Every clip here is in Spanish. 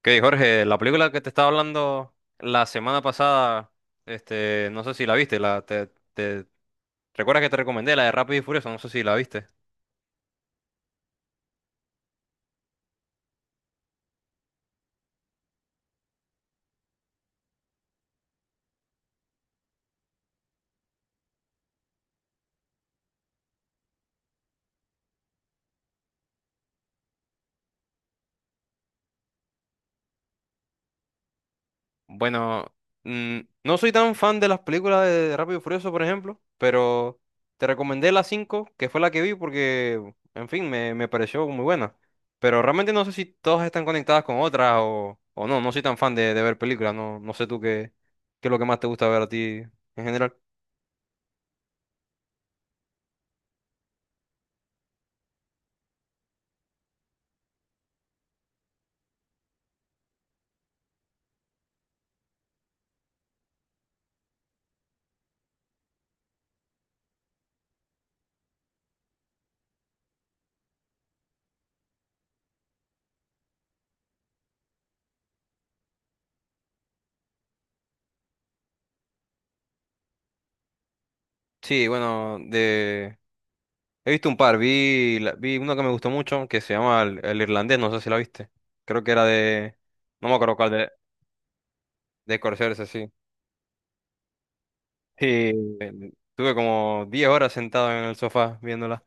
Ok, Jorge, la película que te estaba hablando la semana pasada, no sé si la viste, te- ¿recuerdas que te recomendé la de Rápido y Furioso? No sé si la viste. Bueno, mm, no soy tan fan de las películas de Rápido y Furioso, por ejemplo, pero te recomendé la 5 que fue la que vi porque, en fin, me pareció muy buena. Pero realmente no sé si todas están conectadas con otras o no, no soy tan fan de ver películas, no sé tú qué es lo que más te gusta ver a ti en general. Sí, bueno. He visto un par, vi uno que me gustó mucho, que se llama el Irlandés, no sé si la viste. Creo que era no me acuerdo cuál, de Scorsese, sí. Y tuve como 10 horas sentado en el sofá viéndola.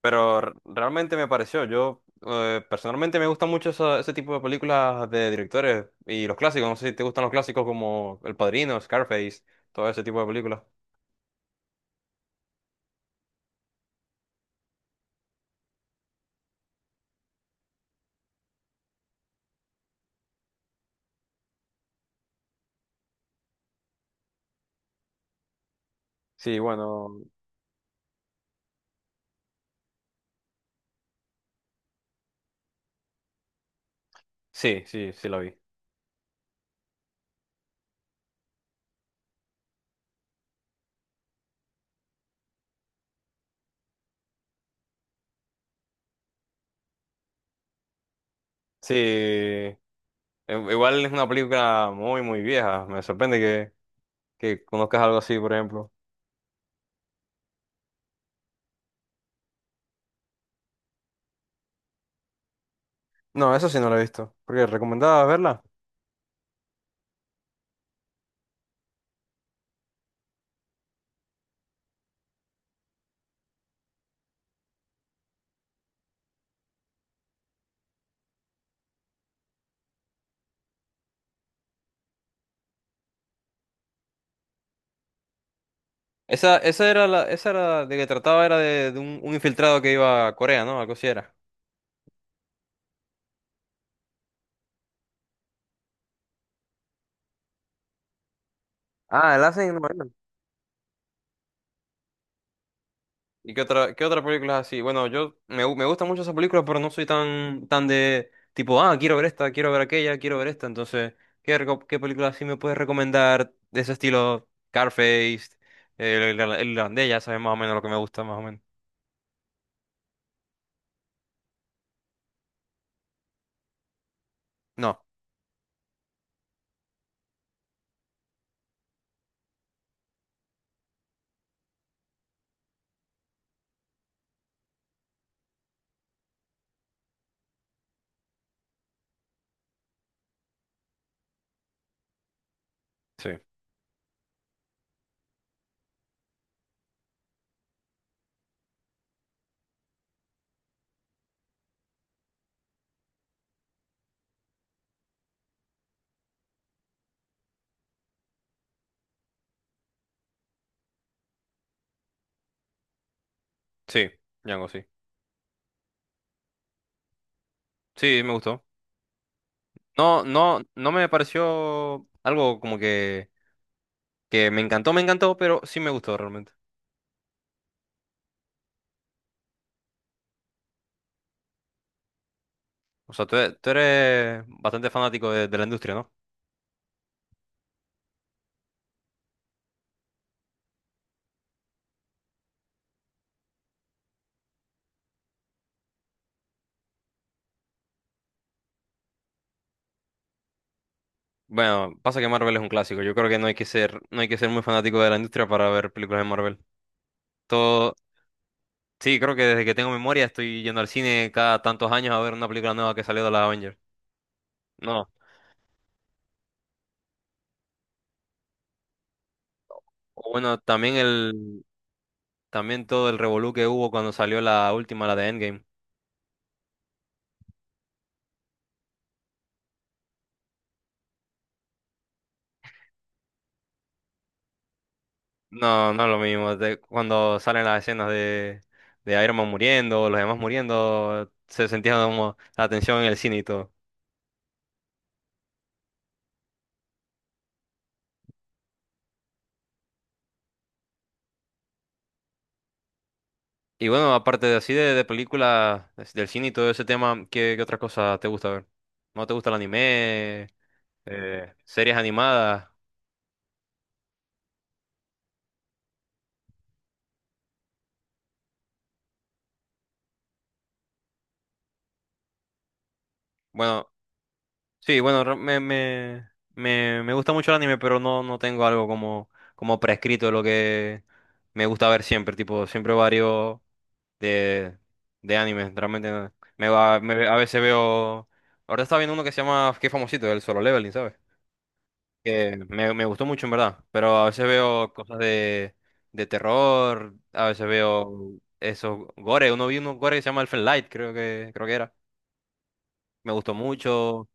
Pero realmente me pareció, yo personalmente me gusta mucho ese tipo de películas de directores y los clásicos, no sé si te gustan los clásicos como El Padrino, Scarface, todo ese tipo de películas. Sí, bueno, sí, sí, sí la vi. Sí, igual es una película muy, muy vieja, me sorprende que conozcas algo así, por ejemplo. No, eso sí no lo he visto. Porque recomendaba verla. Esa era de que trataba era de un infiltrado que iba a Corea, ¿no? Algo así era. Ah, la hacen. No, bueno. ¿Y qué otra película es así? Bueno, yo me gustan mucho esas películas, pero no soy tan de tipo, ah, quiero ver esta, quiero ver aquella, quiero ver esta. Entonces, ¿ qué película así me puedes recomendar de ese estilo? Carface, el irlandés, ya sabes más o menos lo que me gusta, más o menos. No, sí, sí, Django, sí. Sí, me gustó. No, no, no me pareció algo como que me encantó, pero sí me gustó realmente. O sea, tú, tú eres bastante fanático de la industria, ¿no? Bueno, pasa que Marvel es un clásico. Yo creo que no hay que ser, no hay que ser muy fanático de la industria para ver películas de Marvel. Todo, sí, creo que desde que tengo memoria estoy yendo al cine cada tantos años a ver una película nueva que salió de la Avengers. No. O bueno, también todo el revolú que hubo cuando salió la última, la de Endgame. No, no es lo mismo. Cuando salen las escenas de Iron Man muriendo, los demás muriendo, se sentía como la tensión en el cine y todo. Y bueno, aparte de así de películas, del cine y todo ese tema, qué otra cosa te gusta ver? ¿No te gusta el anime? ¿ series animadas? Bueno, sí, bueno, me gusta mucho el anime, pero no tengo algo como prescrito de lo que me gusta ver siempre. Tipo, siempre varios. De de anime, realmente no. A veces veo. Ahora estaba viendo uno que se llama, que es famosito, el Solo Leveling, ¿sabes? Que me gustó mucho en verdad, pero a veces veo cosas de terror, a veces veo esos gore, uno vi unos gore que se llama Elfen Light, creo que era. Me gustó mucho.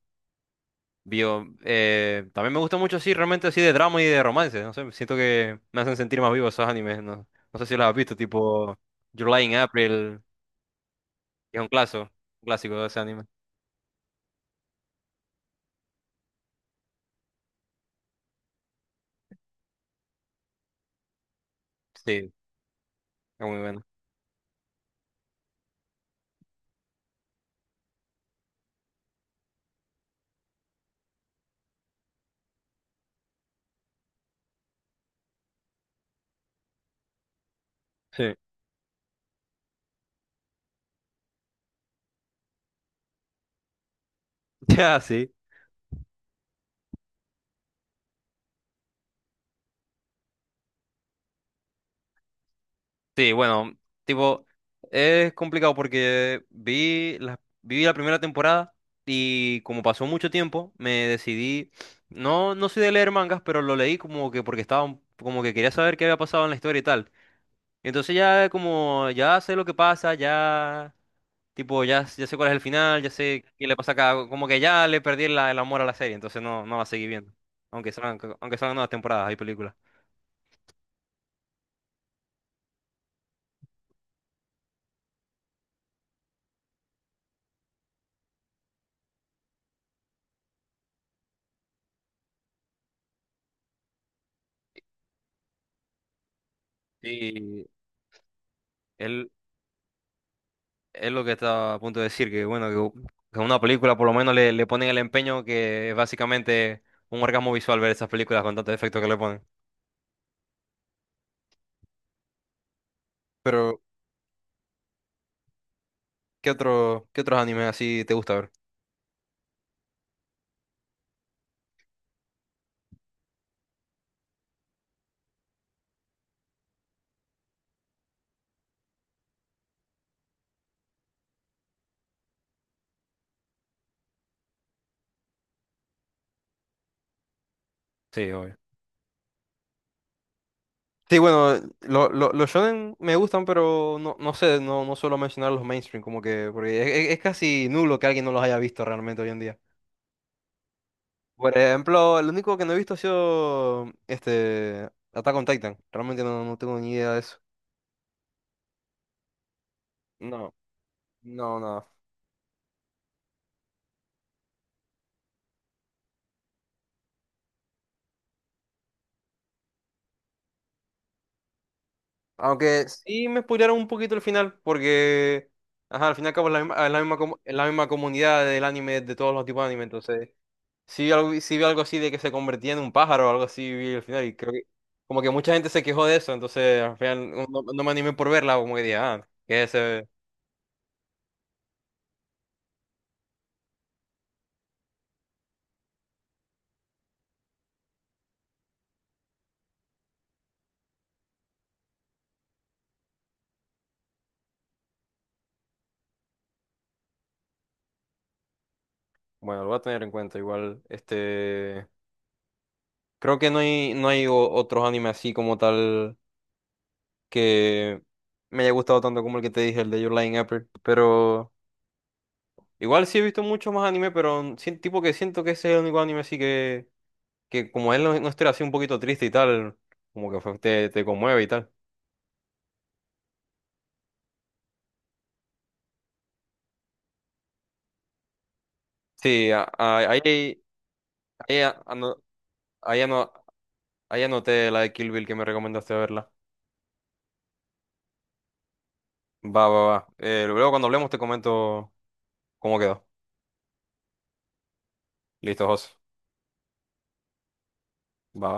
Vio, también me gusta mucho así, realmente así de drama y de romance, no sé, siento que me hacen sentir más vivo esos animes, no sé si los has visto, tipo July in April, que es un clásico de ese anime. Sí, es muy bueno. Sí. Ya, sí. Sí, bueno, tipo, es complicado porque vi la primera temporada y como pasó mucho tiempo, me decidí, no soy de leer mangas, pero lo leí como que porque estaba, como que quería saber qué había pasado en la historia y tal. Entonces ya como, ya sé lo que pasa, ya, tipo, ya sé cuál es el final, ya sé qué le pasa a cada, como que ya le perdí el amor a la serie, entonces no va a seguir viendo. Aunque salgan nuevas temporadas, hay películas. Sí, él es lo que estaba a punto de decir, que bueno, que una película por lo menos le ponen el empeño que es básicamente un orgasmo visual ver esas películas con tantos efectos que le ponen. Pero, qué otros animes así te gusta ver? Sí, obvio. Sí, bueno, los shonen me gustan, pero no sé, no suelo mencionar los mainstream, como que, porque es casi nulo que alguien no los haya visto realmente hoy en día. Por ejemplo, el único que no he visto ha sido este Attack on Titan. Realmente no tengo ni idea de eso. No, no, no. Aunque sí me spoilearon un poquito el final, porque ajá, al final y al cabo es la misma, es la misma comunidad del anime, de todos los tipos de anime, entonces sí vi algo así de que se convertía en un pájaro o algo así, vi el final, y creo que como que mucha gente se quejó de eso, entonces al final no me animé por verla, como que dije, ah, que ese, bueno, lo voy a tener en cuenta igual, creo que no hay otros animes así como tal que me haya gustado tanto como el que te dije, el de Your Lie in April, pero. Igual sí he visto mucho más anime, pero tipo que siento que ese es el único anime así que como él no esté así un poquito triste y tal, como que te conmueve y tal. Sí, ahí, ano- ahí, ano- ahí anoté la de Kill Bill que me recomendaste verla. Va, va, va. Luego cuando hablemos te comento cómo quedó. Listo, José. Va.